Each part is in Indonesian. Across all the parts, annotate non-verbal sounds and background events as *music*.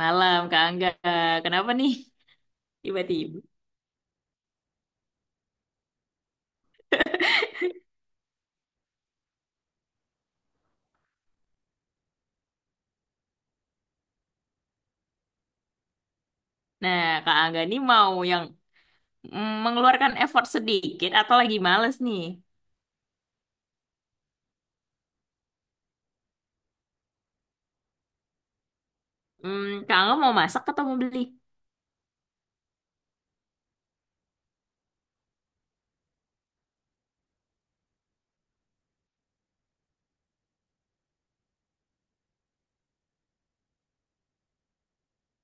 Malam, Kak Angga. Kenapa nih? Tiba-tiba. *laughs* Nah, Kak Angga nih mau yang mengeluarkan effort sedikit atau lagi males nih? Kak Angga mau masak atau mau beli?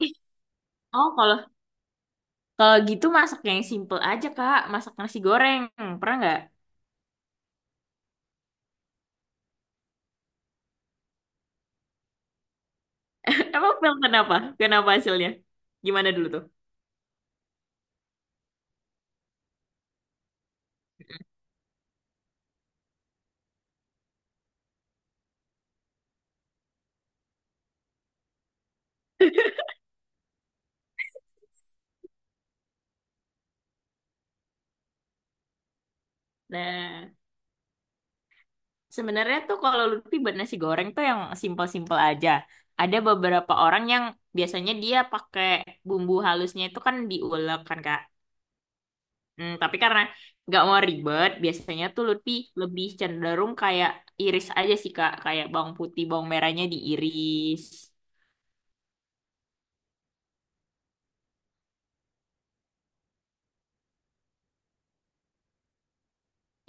*laughs* Oh, kalau kalau gitu masak yang simple aja, Kak. Masak nasi goreng. Pernah nggak? *laughs* Emang Phil kenapa? Kenapa hasilnya? Gimana dulu tuh? Nah, sebenarnya tuh kalau Lutfi buat nasi goreng tuh yang simple-simple aja. Ada beberapa orang yang biasanya dia pakai bumbu halusnya itu kan diulek kan, Kak. Tapi karena nggak mau ribet, biasanya tuh Lutfi lebih cenderung kayak iris aja sih Kak, kayak bawang putih, bawang merahnya diiris.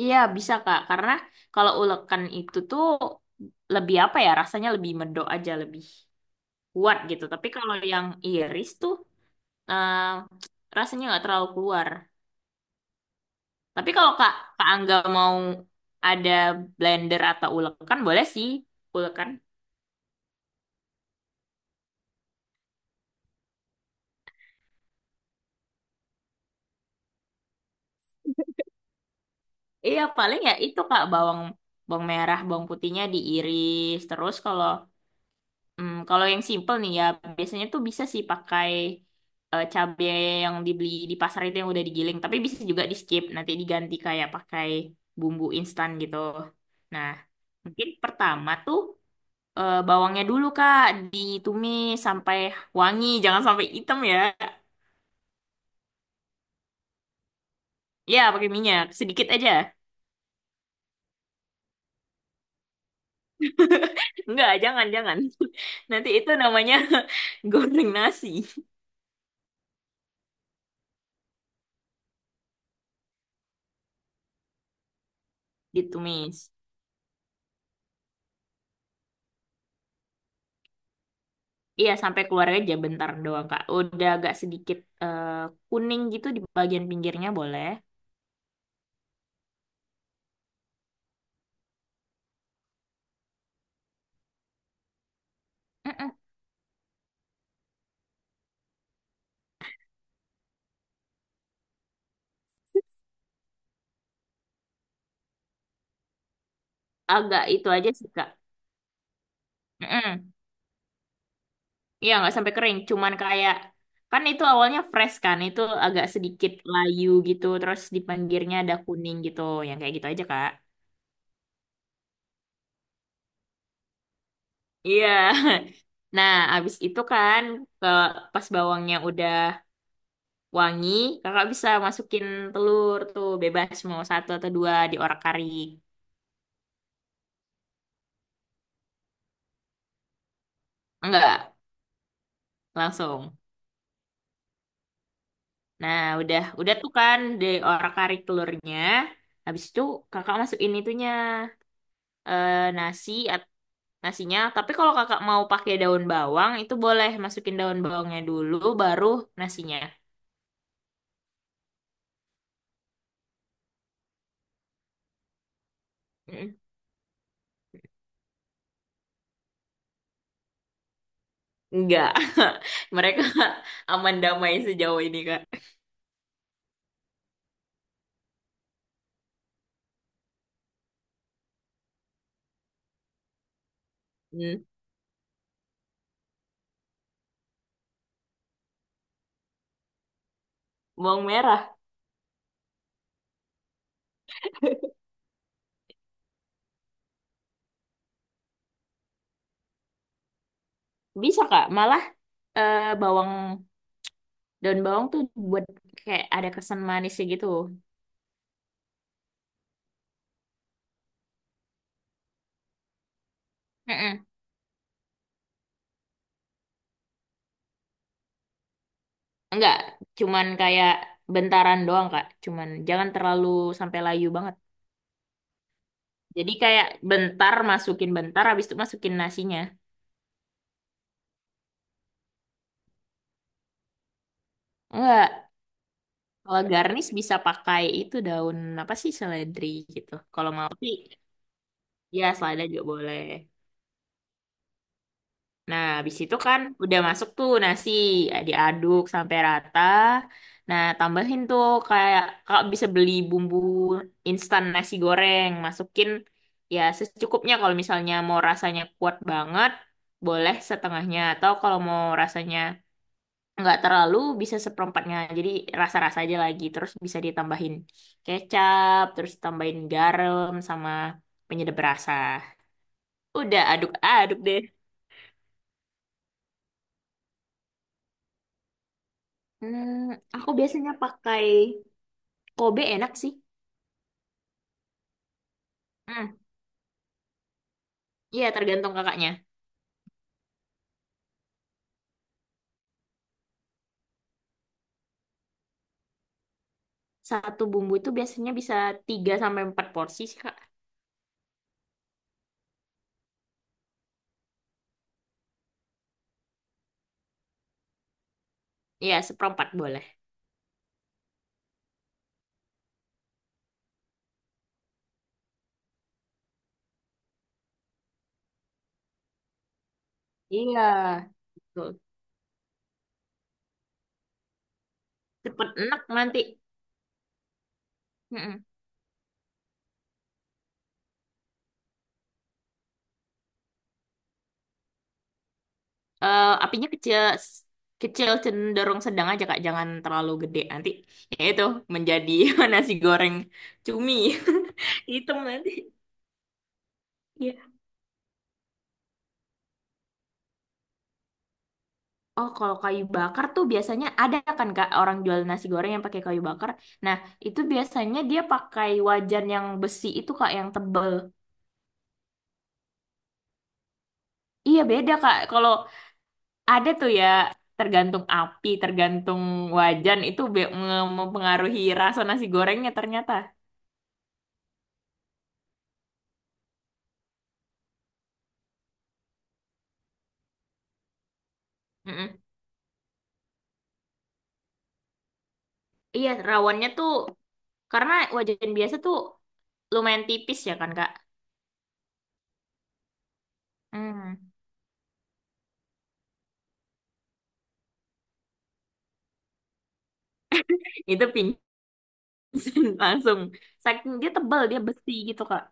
Iya bisa Kak, karena kalau ulekan itu tuh lebih apa ya, rasanya lebih medok aja, lebih kuat gitu. Tapi kalau yang iris tuh eh, rasanya nggak terlalu keluar. Tapi kalau Kak Angga mau ada blender atau ulekan boleh sih, ulekan. Iya paling ya itu Kak bawang bawang merah, bawang putihnya diiris. Terus kalau kalau yang simple nih ya biasanya tuh bisa sih pakai cabai yang dibeli di pasar itu yang udah digiling, tapi bisa juga di skip nanti diganti kayak pakai bumbu instan gitu. Nah, mungkin pertama tuh bawangnya dulu Kak ditumis sampai wangi, jangan sampai hitam ya. Ya, pakai minyak sedikit aja. Enggak, jangan, jangan. *laughs* Nanti itu namanya *laughs* goreng nasi. Ditumis. Iya, sampai keluar aja bentar doang, Kak. Udah agak sedikit eh, kuning gitu di bagian pinggirnya boleh. Mm-mm. Agak itu aja sih, Kak. Mm-mm. Iya, nggak sampai kering. Cuman kayak, kan itu awalnya fresh kan. Itu agak sedikit layu gitu. Terus di pinggirnya ada kuning gitu. Yang kayak gitu aja, Kak. Iya. *laughs* Nah, abis itu kan ke pas bawangnya udah wangi, kakak bisa masukin telur tuh bebas mau satu atau dua di orak arik. Enggak. Langsung. Nah, udah tuh kan di orak-arik telurnya. Habis itu kakak masukin itunya eh, nasi at- nasinya. Tapi kalau kakak mau pakai daun bawang itu boleh masukin daun bawangnya dulu baru nasinya. Mm. Enggak. *laughs* Mereka aman damai sejauh ini, Kak. Hmm. Bawang merah. *laughs* Bisa, Kak. Malah eh, bawang daun bawang tuh buat kayak ada kesan manisnya gitu. Mm-mm. Enggak, cuman kayak bentaran doang, Kak. Cuman jangan terlalu sampai layu banget. Jadi kayak bentar masukin bentar habis itu masukin nasinya. Enggak. Kalau garnish bisa pakai itu daun apa sih seledri gitu. Kalau mau sih ya selada juga boleh. Nah, habis itu kan udah masuk tuh nasi, ya, diaduk sampai rata. Nah, tambahin tuh kayak kakak bisa beli bumbu instan nasi goreng, masukin ya secukupnya kalau misalnya mau rasanya kuat banget, boleh setengahnya atau kalau mau rasanya nggak terlalu bisa seperempatnya. Jadi rasa-rasa aja lagi, terus bisa ditambahin kecap, terus tambahin garam sama penyedap rasa. Udah aduk-aduk deh. Hmm, aku biasanya pakai Kobe enak sih. Hmm, iya tergantung kakaknya. Satu bumbu itu biasanya bisa 3 sampai 4 porsi sih, Kak. Iya, seperempat boleh. Iya. Betul. Cepet enak nanti. Mm-mm. Apinya kecil kecil cenderung sedang aja Kak, jangan terlalu gede nanti. Ya itu menjadi *laughs* nasi goreng cumi. *laughs* Hitam nanti. Iya. Oh, kalau kayu bakar tuh biasanya ada kan Kak orang jual nasi goreng yang pakai kayu bakar. Nah, itu biasanya dia pakai wajan yang besi itu Kak yang tebel. Iya beda Kak. Kalau ada tuh ya tergantung api, tergantung wajan itu mempengaruhi rasa nasi gorengnya ternyata. Mm-mm. Iya, rawannya tuh karena wajan biasa tuh lumayan tipis ya kan Kak. Hmm. Itu pingsan *laughs* langsung. Saking dia tebel, dia besi gitu Kak.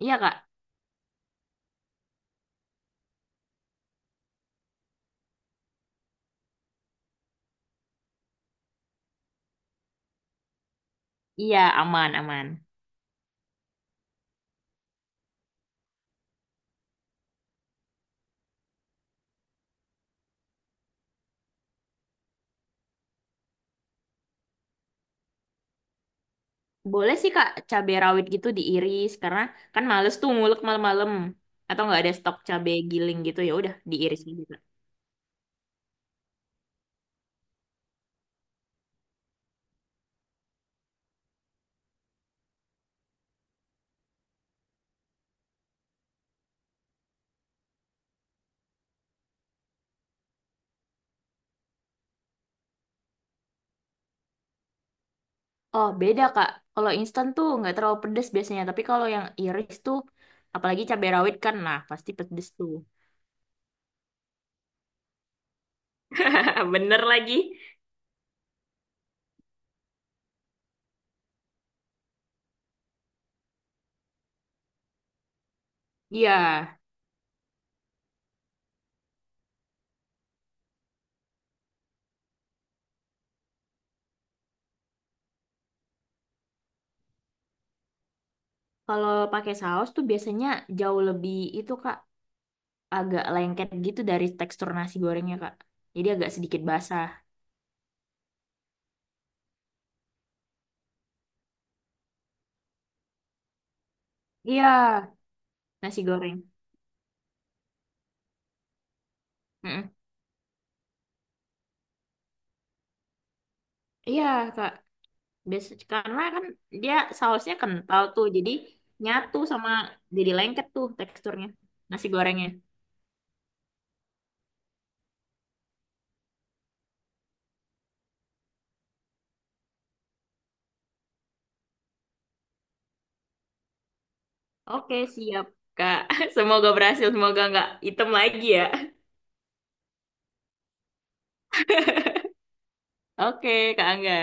Iya Kak. Iya, aman, aman. Boleh sih Kak, cabai rawit gitu diiris karena kan males tuh ngulek malam-malam atau nggak ada stok cabai giling gitu ya udah diiris aja Kak. Oh, beda Kak. Kalau instan tuh nggak terlalu pedes biasanya, tapi kalau yang iris tuh apalagi cabai rawit kan nah pasti pedes tuh. *laughs* Bener lagi. Iya, kalau pakai saus tuh biasanya jauh lebih itu Kak, agak lengket gitu dari tekstur nasi gorengnya Kak. Jadi agak sedikit basah. Iya, nasi goreng. Mm-mm. Iya Kak. Biasa, karena kan dia sausnya kental tuh, jadi nyatu sama jadi lengket tuh teksturnya nasi gorengnya. Oke, siap, Kak. *laughs* Semoga berhasil, semoga nggak hitam lagi ya. Oke, Kak Angga.